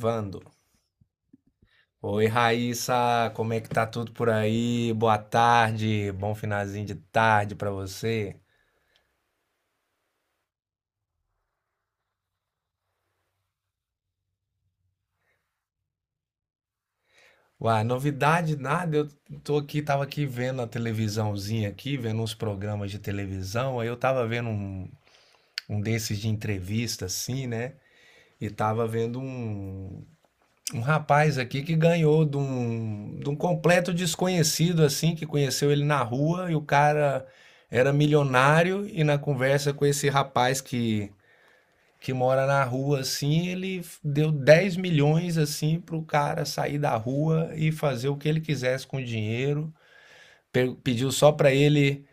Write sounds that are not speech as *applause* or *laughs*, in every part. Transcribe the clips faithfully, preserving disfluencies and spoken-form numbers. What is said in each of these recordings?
Vando. Oi, Raíssa, como é que tá tudo por aí? Boa tarde, bom finalzinho de tarde pra você. Uai, novidade nada, eu tô aqui, tava aqui vendo a televisãozinha aqui, vendo uns programas de televisão, aí eu tava vendo um, um desses de entrevista assim, né? E tava vendo um, um rapaz aqui que ganhou de um, de um completo desconhecido assim, que conheceu ele na rua e o cara era milionário e na conversa com esse rapaz que que mora na rua assim, ele deu dez milhões assim pro cara sair da rua e fazer o que ele quisesse com o dinheiro. Pe- Pediu só pra ele,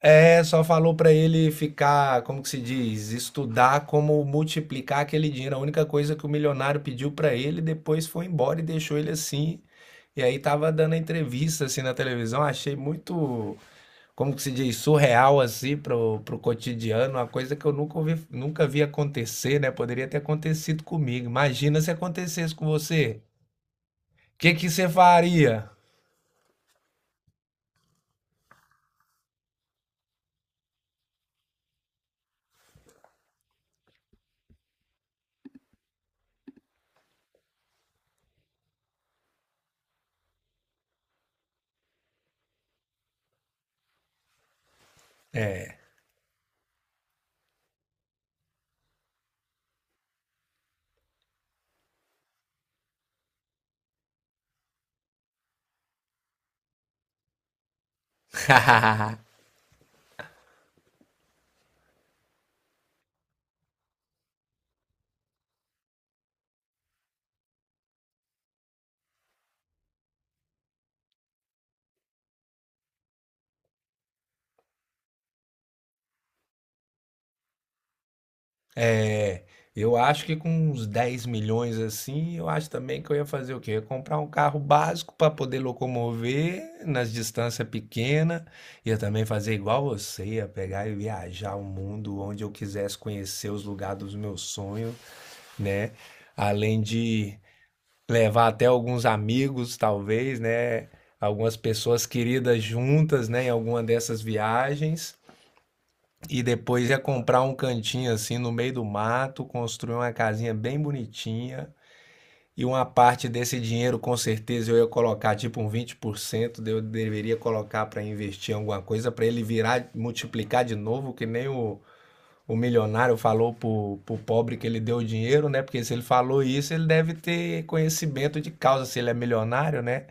é, só falou pra ele ficar, como que se diz, estudar como multiplicar aquele dinheiro. A única coisa que o milionário pediu pra ele, depois foi embora e deixou ele assim. E aí tava dando a entrevista assim na televisão, achei muito, como que se diz, surreal assim pro, pro cotidiano, uma coisa que eu nunca ouvi, nunca vi acontecer, né? Poderia ter acontecido comigo. Imagina se acontecesse com você. O que que você faria? *laughs* É, eu acho que com uns dez milhões assim, eu acho também que eu ia fazer o quê? Eu ia comprar um carro básico para poder locomover nas distâncias pequenas. Ia também fazer igual você, ia pegar e viajar o mundo onde eu quisesse conhecer os lugares dos meus sonhos, né? Além de levar até alguns amigos, talvez, né? Algumas pessoas queridas juntas, né, em alguma dessas viagens. E depois ia comprar um cantinho assim no meio do mato, construir uma casinha bem bonitinha. E uma parte desse dinheiro, com certeza, eu ia colocar tipo um vinte por cento, eu deveria colocar para investir em alguma coisa, para ele virar, multiplicar de novo, que nem o, o milionário falou pro, pro pobre que ele deu o dinheiro, né? Porque se ele falou isso, ele deve ter conhecimento de causa, se ele é milionário, né?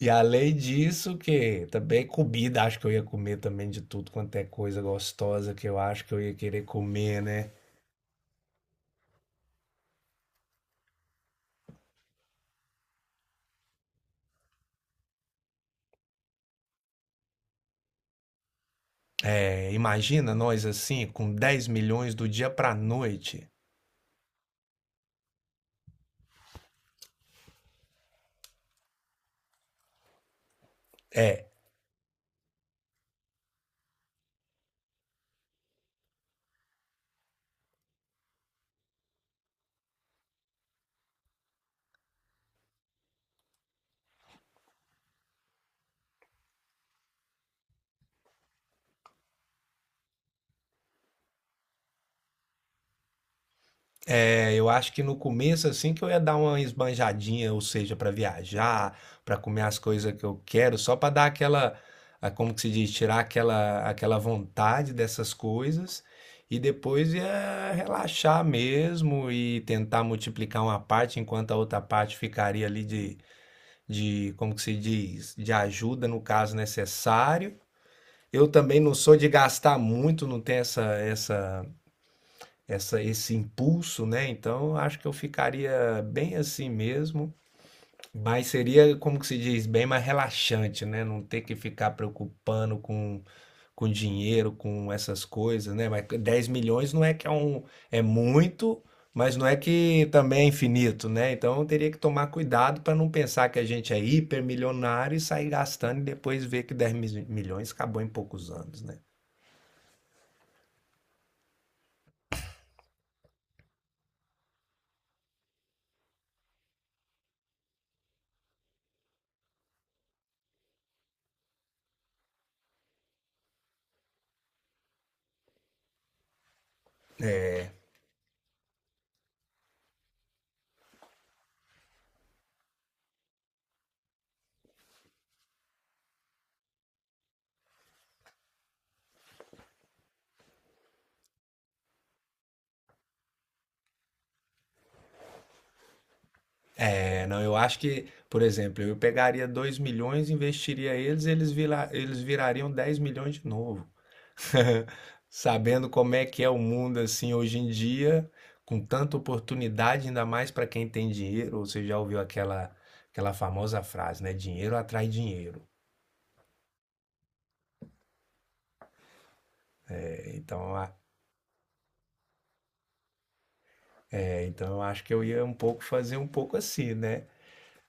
E além disso, que também comida, acho que eu ia comer também de tudo quanto é coisa gostosa que eu acho que eu ia querer comer, né? É, imagina nós assim, com dez milhões do dia pra noite. É, eu acho que no começo, assim, que eu ia dar uma esbanjadinha, ou seja, para viajar, para comer as coisas que eu quero, só para dar aquela, a- como que se diz, tirar aquela, aquela, vontade dessas coisas, e depois ia relaxar mesmo e tentar multiplicar uma parte, enquanto a outra parte ficaria ali de, de, como que se diz, de ajuda no caso necessário. Eu também não sou de gastar muito, não tenho essa, essa essa esse impulso, né? Então, eu acho que eu ficaria bem assim mesmo, mas seria, como que se diz, bem mais relaxante, né? Não ter que ficar preocupando com, com dinheiro, com essas coisas, né? Mas dez milhões não é que é um, é muito, mas não é que também é infinito, né? Então, eu teria que tomar cuidado para não pensar que a gente é hipermilionário e sair gastando e depois ver que dez mi- milhões acabou em poucos anos, né? É, não, eu acho que, por exemplo, eu pegaria dois milhões, investiria eles, eles, vira, eles virariam dez milhões de novo. *laughs* Sabendo como é que é o mundo assim hoje em dia, com tanta oportunidade, ainda mais para quem tem dinheiro, ou você já ouviu aquela aquela famosa frase, né? Dinheiro atrai dinheiro. É, então, a- é, então eu acho que eu ia um pouco fazer um pouco assim, né?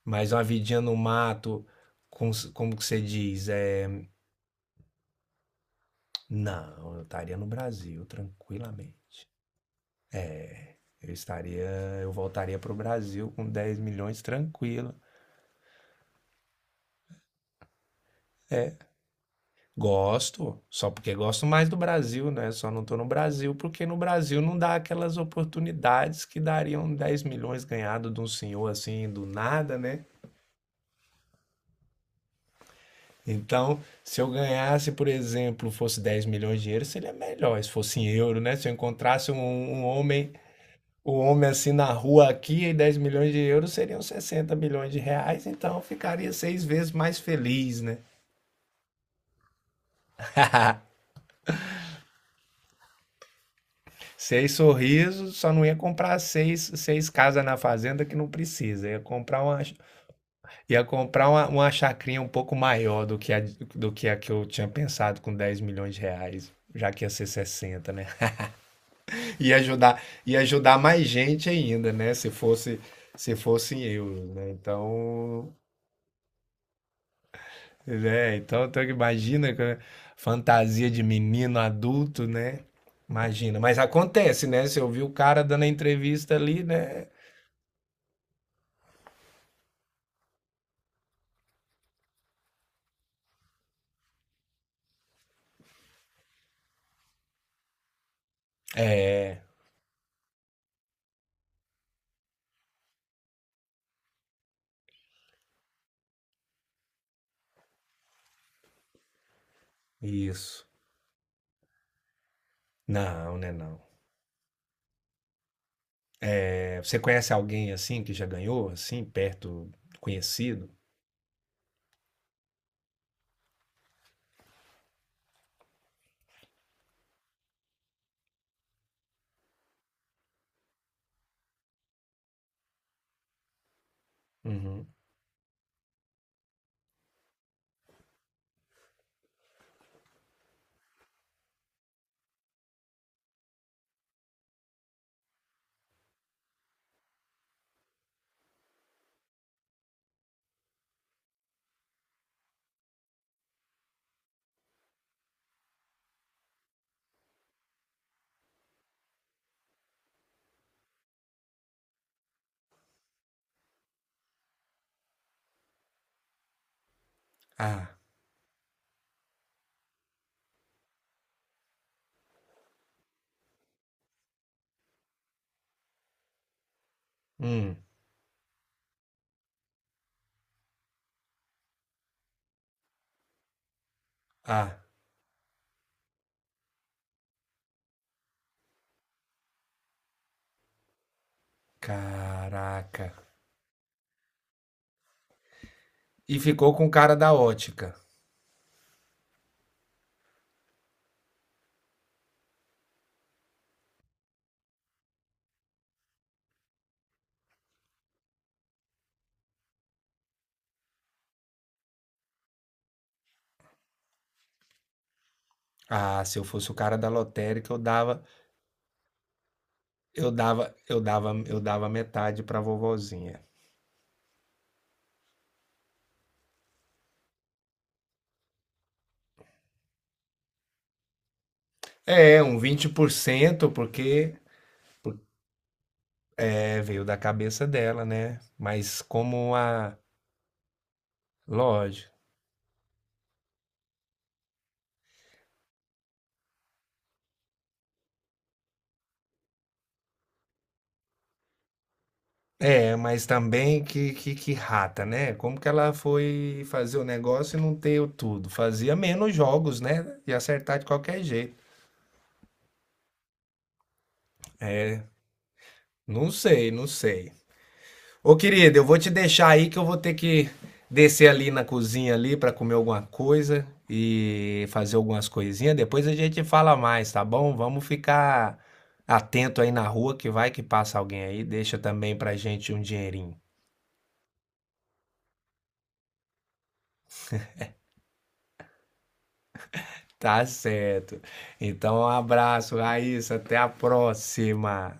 Mas uma vidinha no mato, com, como que você diz? É, não, eu estaria no Brasil, tranquilamente. Eu estaria, eu voltaria para o Brasil com dez milhões tranquilo. Gosto, só porque gosto mais do Brasil, né? Só não tô no Brasil porque no Brasil não dá aquelas oportunidades que dariam dez milhões ganhados de um senhor assim do nada, né? Então, se eu ganhasse, por exemplo, fosse dez milhões de euros seria melhor. Se fosse em euro, né? Se eu encontrasse um, um homem, um homem assim na rua aqui e dez milhões de euros seriam sessenta milhões de reais, então eu ficaria seis vezes mais feliz, né? *laughs* Seis sorrisos, só não ia comprar seis, seis casas na fazenda que não precisa. Ia comprar uma, ia comprar uma, uma chacrinha um pouco maior do que, a, do que a que eu tinha pensado com dez milhões de reais, já que ia ser sessenta, né? *laughs* Ia ajudar, ia ajudar mais gente ainda, né? Se fosse, se fosse em euros, né? Então, né? Então, então imagina que- fantasia de menino adulto, né? Imagina, mas acontece, né? Você ouviu o cara dando a entrevista ali, né? É, isso. Não, né, não. É, você conhece alguém assim que já ganhou, assim, perto, conhecido? Uhum. Ah, hum, ah, caraca. E ficou com o cara da ótica. Ah, se eu fosse o cara da lotérica, eu dava, eu dava, eu dava, eu dava metade pra vovozinha. É, um vinte por cento, porque, porque é, veio da cabeça dela, né? Mas como a, lógico. É, mas também que, que, que rata, né? Como que ela foi fazer o negócio e não ter o tudo? Fazia menos jogos, né? E acertar de qualquer jeito. Não sei, não sei. Ô, querido, eu vou te deixar aí que eu vou ter que descer ali na cozinha ali para comer alguma coisa e fazer algumas coisinhas. Depois a gente fala mais, tá bom? Vamos ficar atento aí na rua que vai que passa alguém aí. Deixa também pra gente um dinheirinho. Tá certo. Então, um abraço, Raíssa. Até a próxima.